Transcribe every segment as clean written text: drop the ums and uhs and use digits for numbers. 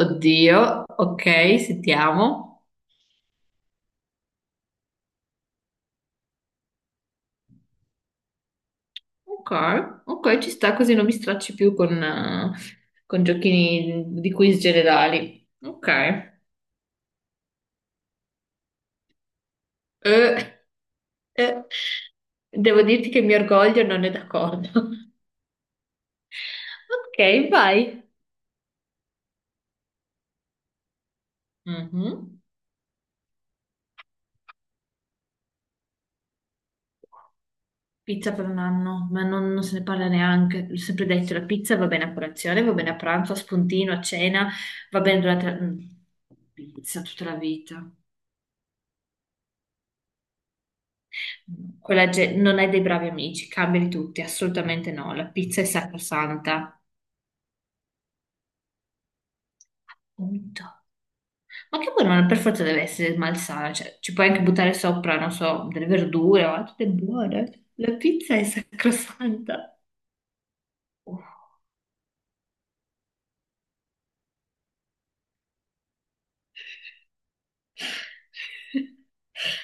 Oddio, ok, sentiamo. Ok, ok, ci sta così non mi stracci più con giochini di quiz generali. Ok. Eh, eh, Devo dirti che il mio orgoglio non è d'accordo. Ok, vai. Mhm. Pizza per un anno, ma non se ne parla neanche. L'ho sempre detto, la pizza va bene a colazione, va bene a pranzo, a spuntino, a cena, va bene durante la. Pizza tutta la vita. Non hai dei bravi amici, cambiali tutti, assolutamente no. La pizza è sacrosanta. Punto. Ma che poi non per forza deve essere malsana, cioè ci puoi anche buttare sopra, non so, delle verdure, ma tutte buone. La pizza è sacrosanta. Oh.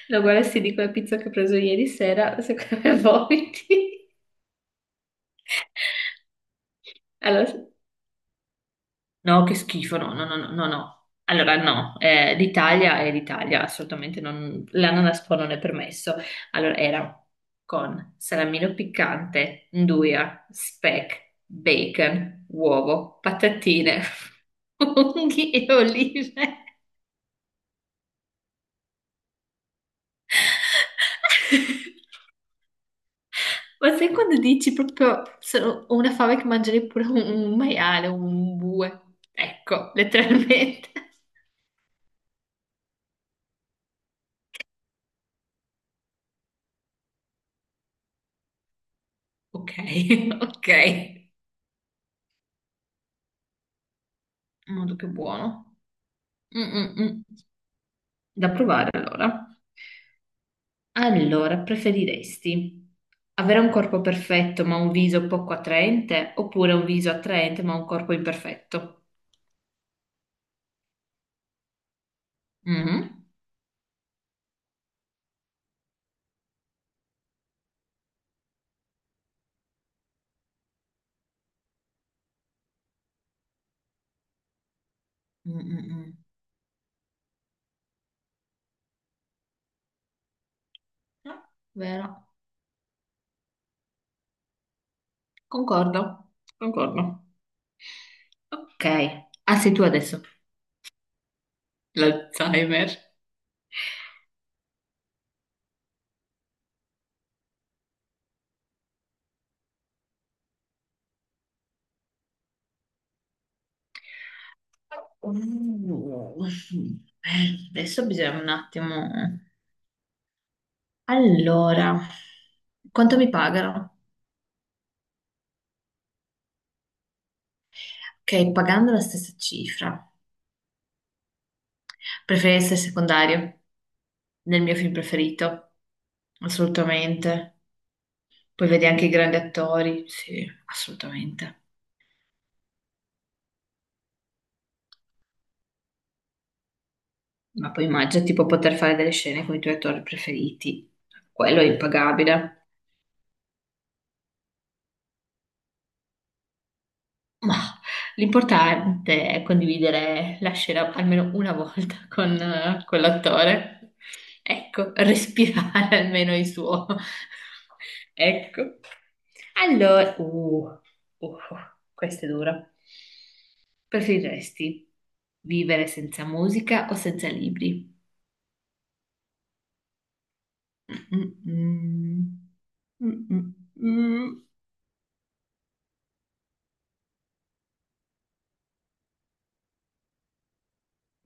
No, guarda, se dico la pizza che ho preso ieri sera, secondo me vomiti. Allora, no, che schifo, no, no, no, no, no, no. Allora no, l'Italia è l'Italia, assolutamente non, l'ananaspo non è permesso. Allora era con salamino piccante, nduja, speck, bacon, uovo, patatine, funghi e olive. Ma sai quando dici proprio ho una fame che mangerei pure un maiale, un bue? Ecco, letteralmente. Ok, ok. Molto più buono. Mm, mm, mm. Da provare allora. Allora, preferiresti avere un corpo perfetto ma un viso poco attraente oppure un viso attraente ma un corpo imperfetto? Mhm. Mm, mm, mm. No. Vero. Concordo. Concordo. Ok. Ah, sei tu adesso. L'Alzheimer. Uh, Adesso bisogna un attimo. Allora, quanto mi pagano? Ok, pagando la stessa cifra, preferirei essere secondario nel mio film preferito, assolutamente. Poi vedi anche i grandi attori, sì, assolutamente. Ma poi immagina tipo poter fare delle scene con i tuoi attori preferiti, quello è impagabile. Mah, l'importante è condividere la scena almeno una volta con quell'attore. Ecco, respirare almeno il suo. Ecco. Allora, uh, questo è duro. Preferiresti vivere senza musica o senza libri? Mm-mm. Mm-mm.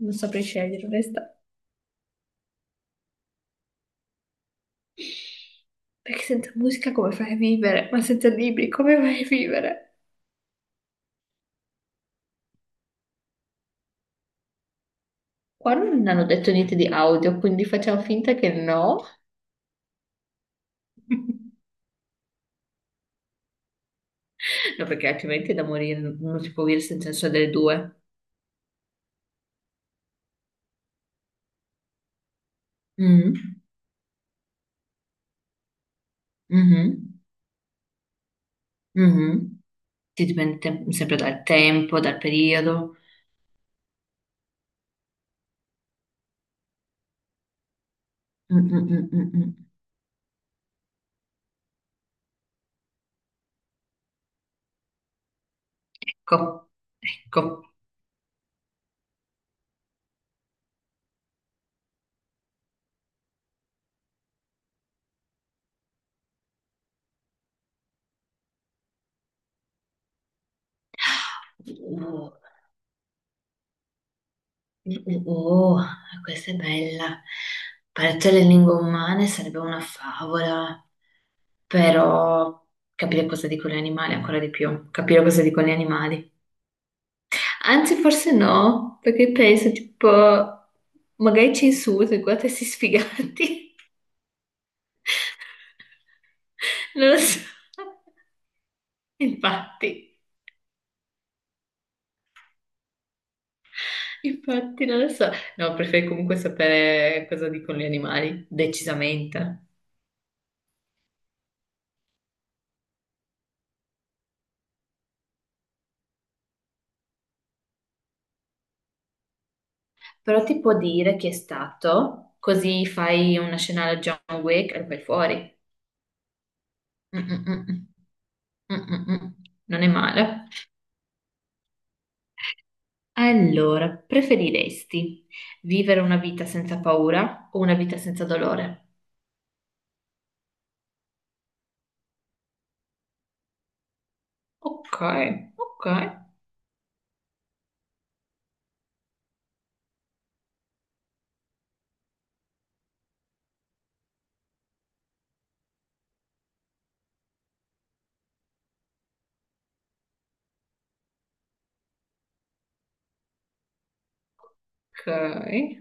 Non saprei scegliere, onesta. Perché senza musica come fai a vivere? Ma senza libri come fai a vivere? Qua non hanno detto niente di audio, quindi facciamo finta che no. No, perché altrimenti è da morire, non si può dire senza senso delle due. Mm, mhm, mhm. Sì, dipende sempre dal tempo, dal periodo. Mm, mm, mm, mm, mm. Ecco, ecco. Oh, oh, oh, oh, questa è bella. Parte delle lingue umane sarebbe una favola, però capire cosa dicono gli animali ancora di più, capire cosa dicono gli animali. Anzi, forse no, perché penso, tipo, magari ci insulta, guarda questi sfigati. Non lo so. Infatti, infatti, non lo so. No, preferirei comunque sapere cosa dicono gli animali, decisamente. Però ti può dire chi è stato, così fai una scena alla John Wick e lo fai fuori. Mm, mm, mm, mm, mm, mm, mm. Non è male. Allora, preferiresti vivere una vita senza paura o una vita senza dolore? Ok, ok, ok.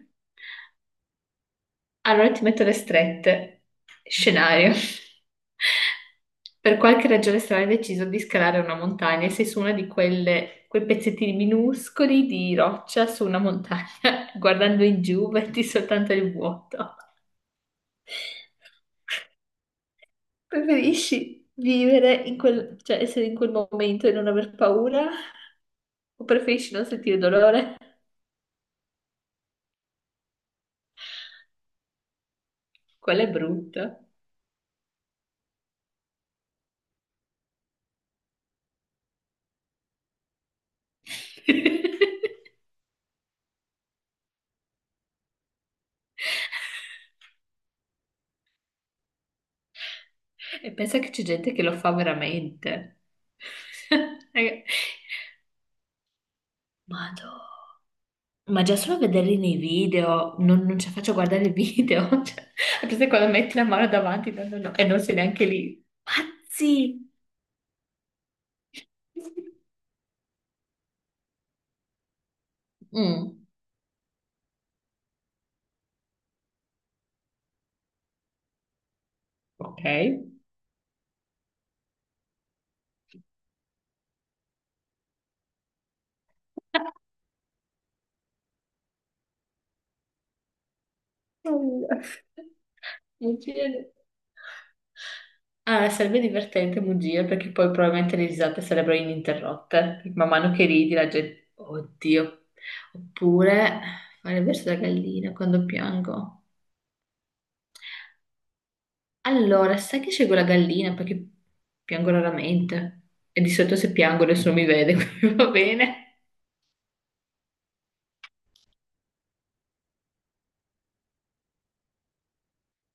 Allora ti metto le strette. Scenario. Per qualche ragione strana hai deciso di scalare una montagna e sei su una di quelle, quei pezzettini minuscoli di roccia su una montagna, guardando in giù, vedi soltanto il vuoto. Preferisci vivere cioè essere in quel momento e non aver paura? O preferisci non sentire dolore? Quella è brutta. E pensa che c'è gente che lo fa veramente. Raga, Madò. Ma già solo vederli nei video, non ci faccio guardare i video. Cioè, a parte quando metti la mano davanti, no, no, no, e non sei neanche lì. Pazzi! Mm, ok. Oddio. Mugire. Ah, sarebbe divertente mugire perché poi probabilmente le risate sarebbero ininterrotte. Man mano che ridi la gente. Oddio. Oppure fare il verso da gallina quando piango. Allora, sai che scelgo la gallina perché piango raramente. E di solito se piango nessuno mi vede, quindi va bene.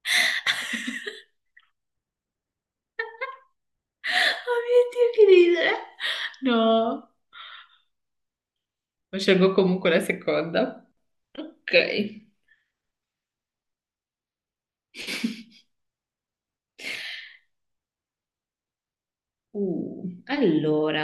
Oh mio Dio, che ridere! No. Scelgo comunque la seconda. Ok. Allora,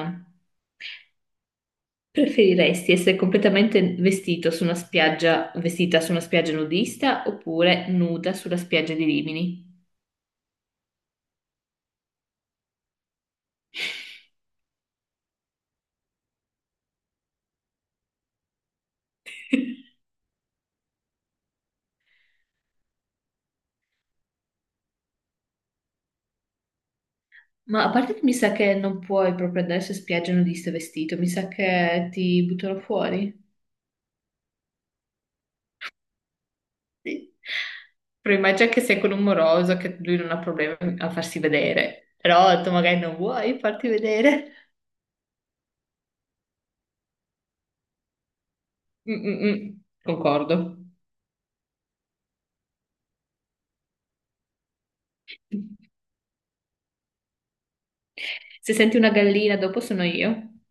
preferiresti essere completamente vestito su una spiaggia, vestita su una spiaggia nudista oppure nuda sulla spiaggia di Rimini? Ma a parte che mi sa che non puoi proprio andare su spiaggia nudista vestito, mi sa che ti buttano fuori. Sì. Però immagina che sei con un moroso, che lui non ha problemi a farsi vedere, però tu magari non vuoi farti vedere. Mm, mm, mm. Concordo. Se senti una gallina, dopo sono io.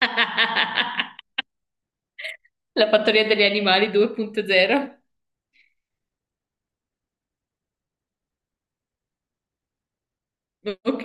La fattoria degli animali 2.0. Ok.